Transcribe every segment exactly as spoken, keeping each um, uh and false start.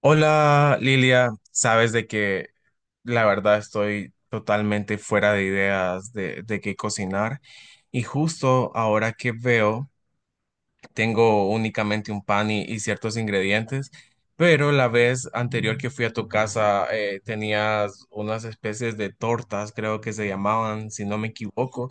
Hola Lilia, sabes de que la verdad estoy totalmente fuera de ideas de, de qué cocinar y justo ahora que veo tengo únicamente un pan y, y ciertos ingredientes, pero la vez anterior que fui a tu casa eh, tenías unas especies de tortas, creo que se llamaban, si no me equivoco.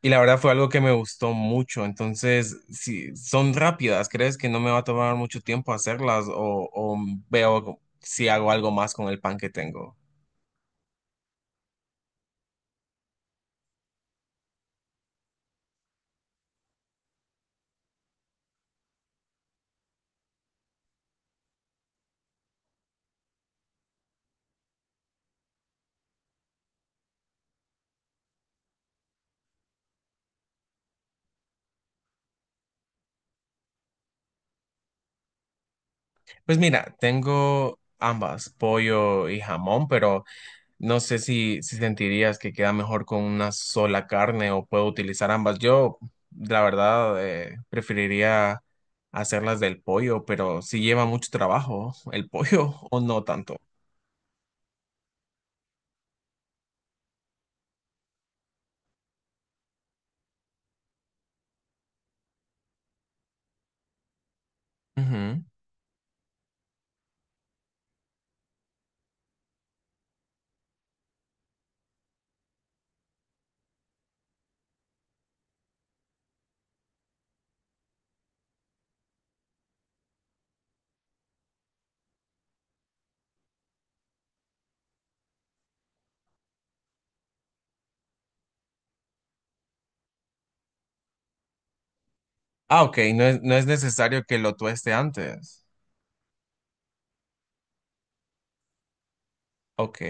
Y la verdad fue algo que me gustó mucho. Entonces, si son rápidas, ¿crees que no me va a tomar mucho tiempo hacerlas o, o veo si hago algo más con el pan que tengo? Pues mira, tengo ambas, pollo y jamón, pero no sé si, si sentirías que queda mejor con una sola carne o puedo utilizar ambas. Yo, la verdad, eh, preferiría hacerlas del pollo, pero si lleva mucho trabajo el pollo o no tanto. Ujú. Ah, ok, no es, no es necesario que lo tueste antes. Ok.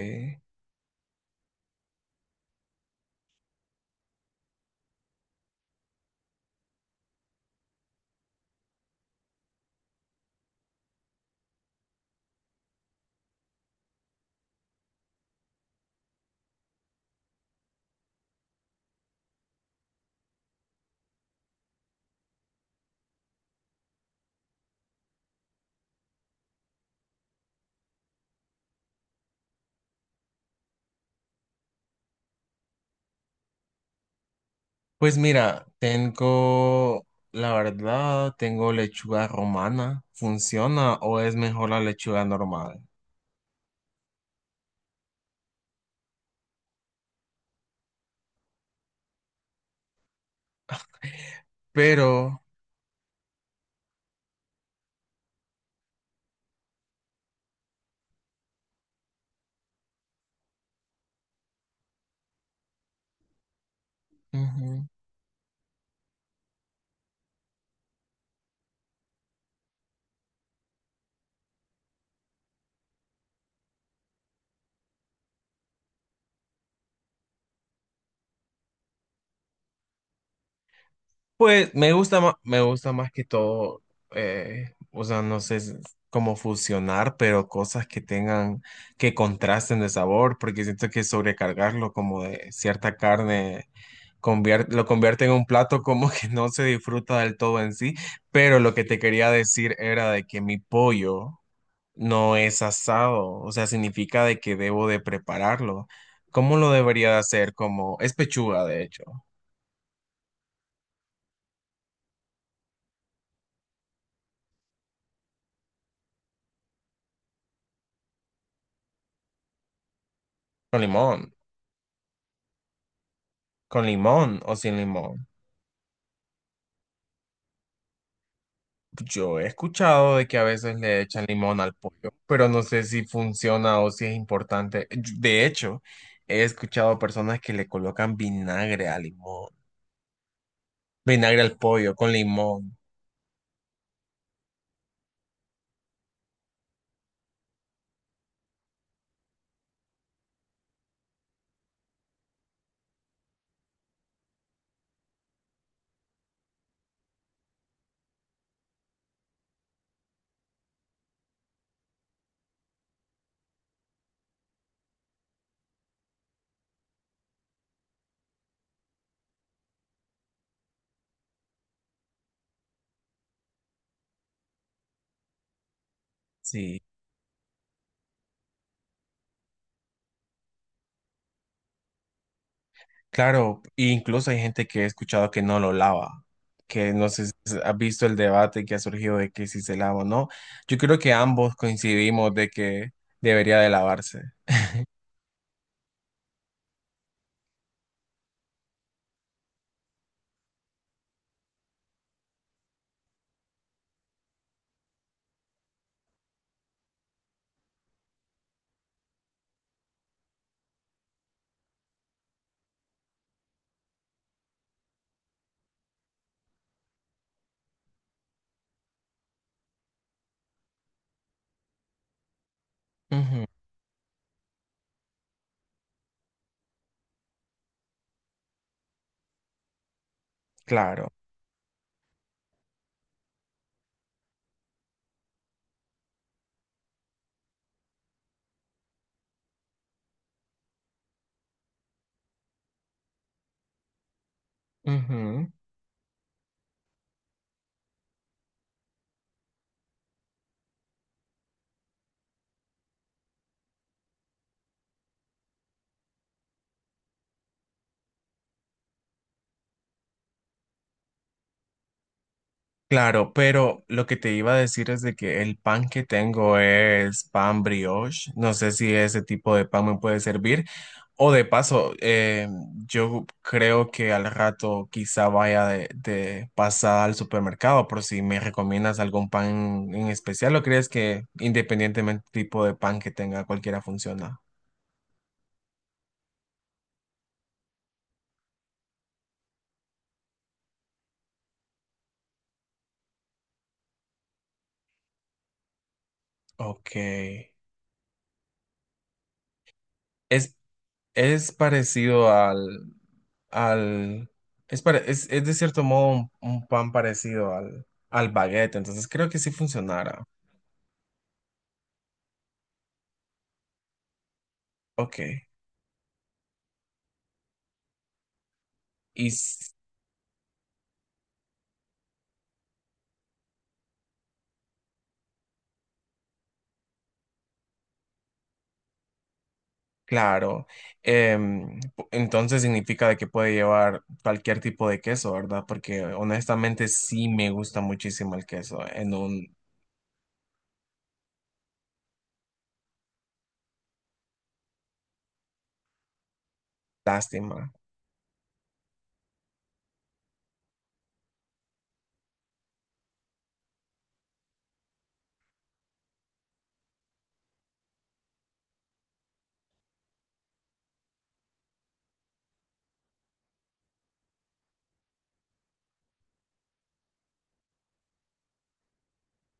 Pues mira, tengo, la verdad, tengo lechuga romana. ¿Funciona o es mejor la lechuga normal? Pero, pues me gusta más, me gusta más que todo, eh, o sea, no sé s- cómo fusionar, pero cosas que tengan, que contrasten de sabor, porque siento que sobrecargarlo como de cierta carne convier- lo convierte en un plato como que no se disfruta del todo en sí, pero lo que te quería decir era de que mi pollo no es asado, o sea, significa de que debo de prepararlo. ¿Cómo lo debería de hacer? Como es pechuga, de hecho, con limón. ¿Con limón o sin limón? Yo he escuchado de que a veces le echan limón al pollo, pero no sé si funciona o si es importante. Yo... De hecho, he escuchado personas que le colocan vinagre al limón, vinagre al pollo con limón. Sí, claro, e incluso hay gente que he escuchado que no lo lava, que no sé si has visto el debate que ha surgido de que si se lava o no. Yo creo que ambos coincidimos de que debería de lavarse. Ujú, claro. Ujú. Claro, pero lo que te iba a decir es de que el pan que tengo es pan brioche. No sé si ese tipo de pan me puede servir. O de paso, eh, yo creo que al rato quizá vaya de, de pasada al supermercado por si me recomiendas algún pan en especial o crees que independientemente tipo de pan que tenga, cualquiera funciona. Ok. Es, es parecido al, al, es, pare- es, es de cierto modo un, un pan parecido al, al baguette, entonces creo que sí funcionará. Ok. Y claro, em, pu- entonces significa de que puede llevar cualquier tipo de queso, ¿verdad? Porque honestamente sí me gusta muchísimo el queso, en un lástima.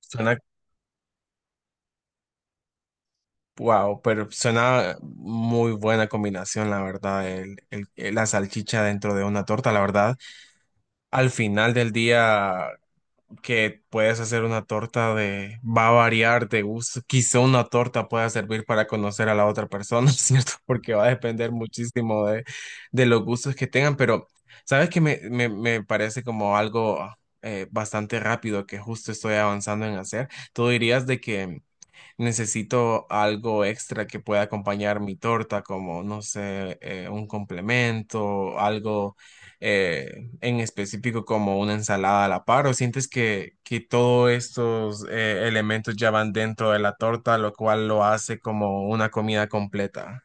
Suena, wow, pero suena muy buena combinación, la verdad, el, el- la salchicha dentro de una torta, la verdad. Al final del día que puedes hacer una torta de, va a variar de gusto. Quizá una torta pueda servir para conocer a la otra persona, ¿cierto? Porque va a depender muchísimo de, de los gustos que tengan, pero sabes que me, me, me parece como algo eh, bastante rápido que justo estoy avanzando en hacer. Tú dirías de que necesito algo extra que pueda acompañar mi torta, como, no sé, eh, un complemento, algo eh, en específico como una ensalada a la par, o sientes que, que todos estos eh, elementos ya van dentro de la torta, lo cual lo hace como una comida completa.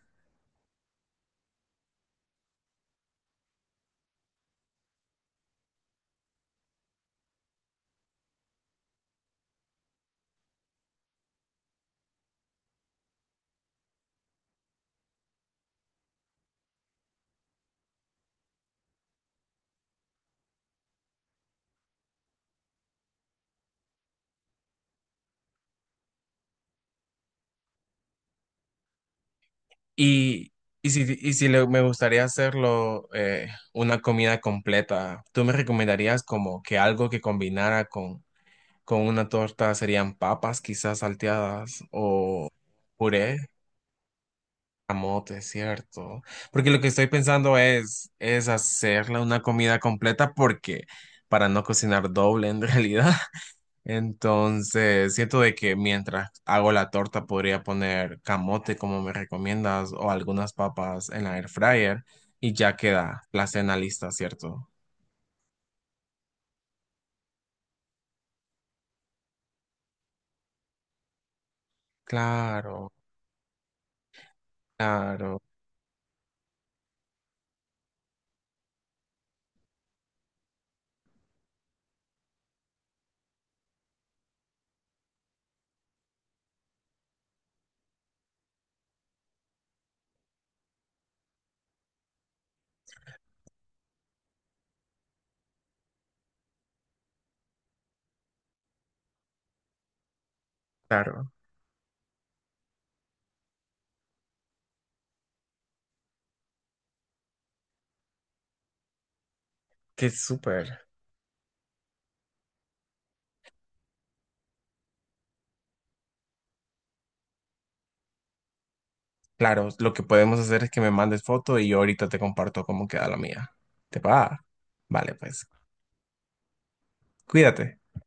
Y, y si, y si le- me gustaría hacerlo eh, una comida completa, ¿tú me recomendarías como que algo que combinara con una torta serían papas quizás salteadas o puré, camote, ¿cierto? Porque lo que estoy pensando es, es hacerla una comida completa porque para no cocinar doble en realidad. Entonces, siento de que mientras hago la torta podría poner camote como me recomiendas o algunas papas en la air fryer y ya queda la cena lista, ¿cierto? Claro, claro, claro. Qué súper. Claro, lo que podemos hacer es que me mandes foto y yo ahorita te comparto cómo queda la mía. ¿Te va? Vale, pues, cuídate.